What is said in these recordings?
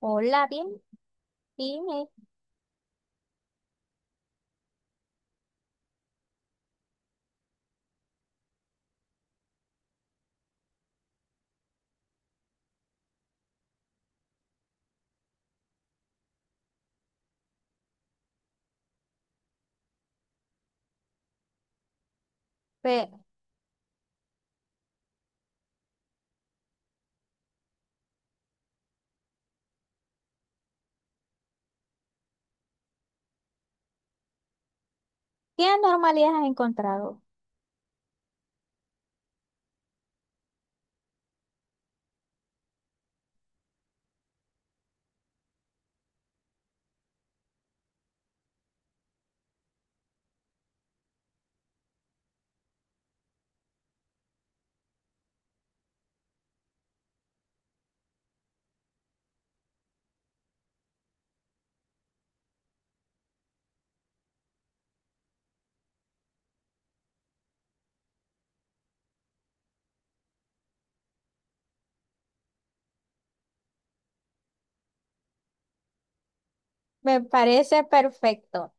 Hola, bien, dime, pe- ¿qué anormalidades has encontrado? Me parece perfecto.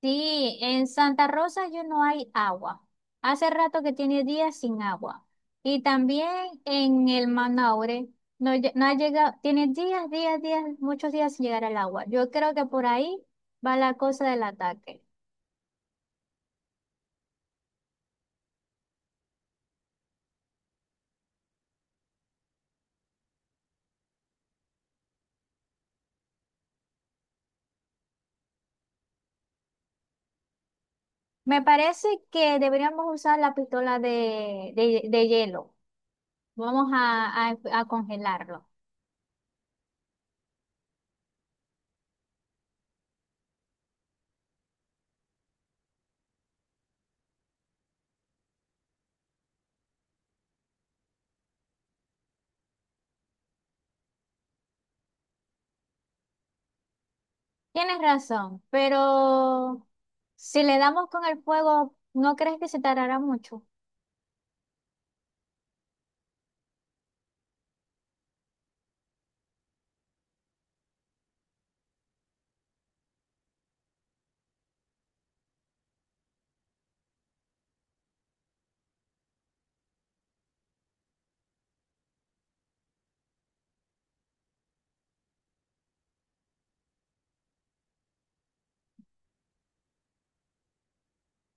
Sí, en Santa Rosa yo no hay agua. Hace rato que tiene días sin agua. Y también en el Manaure no, no ha llegado, tiene días, días, días, muchos días sin llegar el agua. Yo creo que por ahí va la cosa del ataque. Me parece que deberíamos usar la pistola de hielo. Vamos a, a congelarlo. Tienes razón, pero si le damos con el fuego, ¿no crees que se tardará mucho?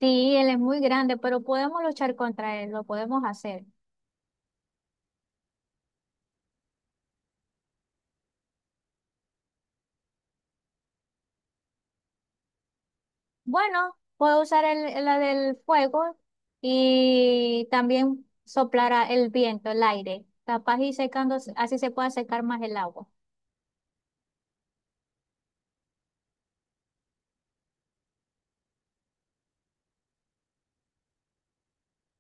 Sí, él es muy grande, pero podemos luchar contra él, lo podemos hacer. Bueno, puedo usar la del fuego y también soplar el viento, el aire, capaz y secando, así se puede secar más el agua.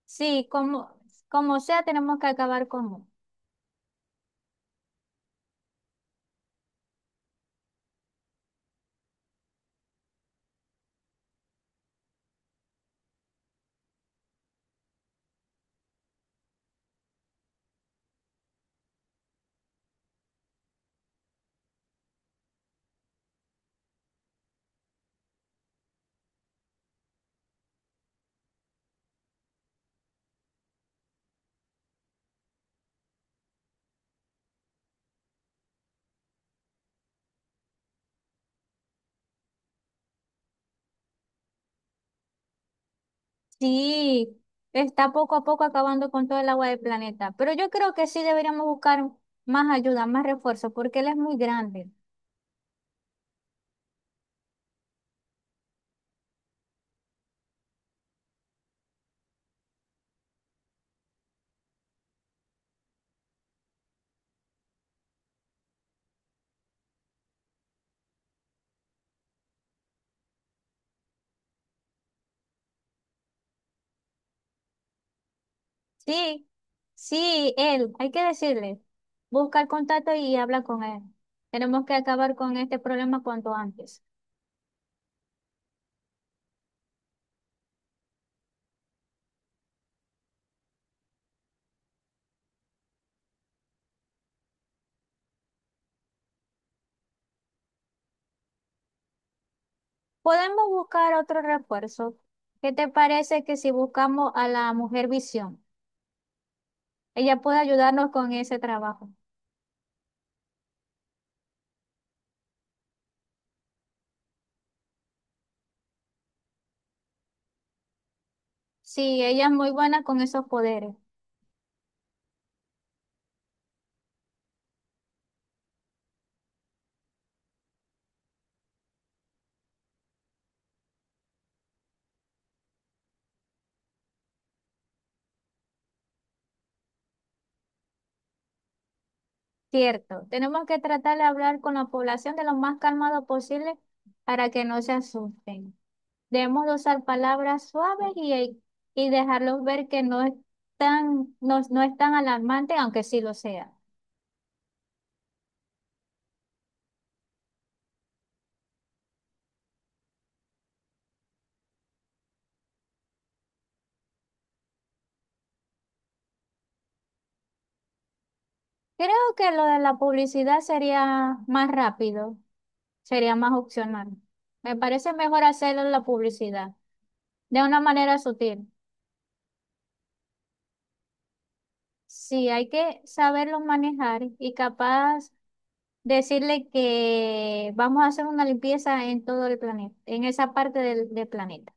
Sí, como, como sea, tenemos que acabar con él. Sí, está poco a poco acabando con todo el agua del planeta, pero yo creo que sí deberíamos buscar más ayuda, más refuerzo, porque él es muy grande. Sí, sí, él, hay que decirle, busca el contacto y habla con él. Tenemos que acabar con este problema cuanto antes. Podemos buscar otro refuerzo. ¿Qué te parece que si buscamos a la mujer visión? Ella puede ayudarnos con ese trabajo. Sí, ella es muy buena con esos poderes. Cierto, tenemos que tratar de hablar con la población de lo más calmado posible para que no se asusten. Debemos de usar palabras suaves y dejarlos ver que no es tan, no, no es tan alarmante, aunque sí lo sea. Creo que lo de la publicidad sería más rápido, sería más opcional. Me parece mejor hacerlo en la publicidad, de una manera sutil. Sí, hay que saberlo manejar y capaz decirle que vamos a hacer una limpieza en todo el planeta, en esa parte del planeta.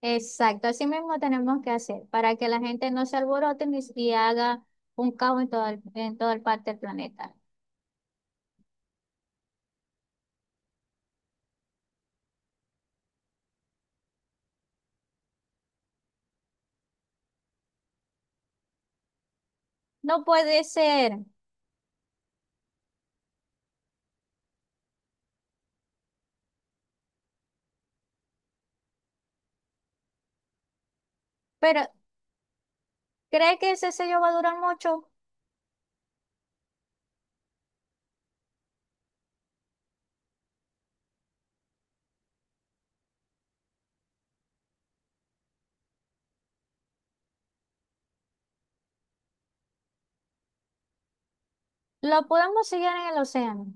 Exacto, así mismo tenemos que hacer para que la gente no se alborote ni, y haga un caos en todo en toda parte del planeta. No puede ser, pero ¿cree que ese sello va a durar mucho? Lo podemos sellar en el océano.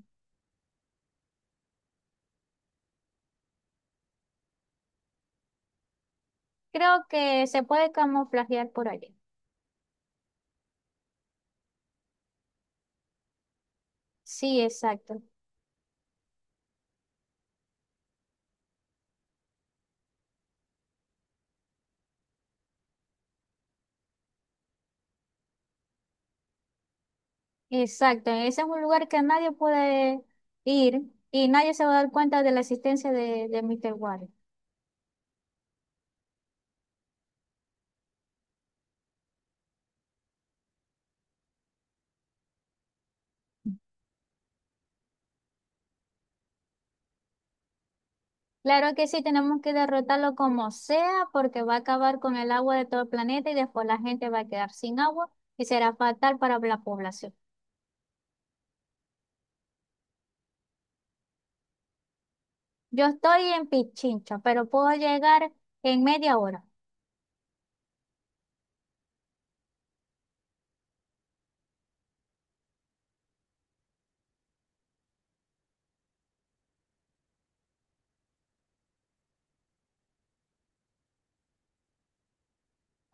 Creo que se puede camuflajear por allí. Sí, exacto. Exacto, ese es un lugar que nadie puede ir y nadie se va a dar cuenta de la existencia de Mr. Water. Claro que sí, tenemos que derrotarlo como sea porque va a acabar con el agua de todo el planeta y después la gente va a quedar sin agua y será fatal para la población. Yo estoy en Pichincha, pero puedo llegar en media hora.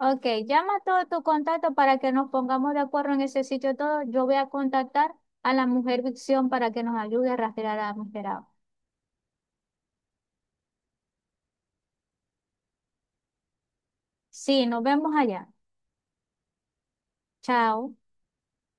Ok, llama a todos tus contactos para que nos pongamos de acuerdo en ese sitio todo. Yo voy a contactar a la mujer Vicción para que nos ayude a rastrear a Mister Agua. Sí, nos vemos allá. Chao.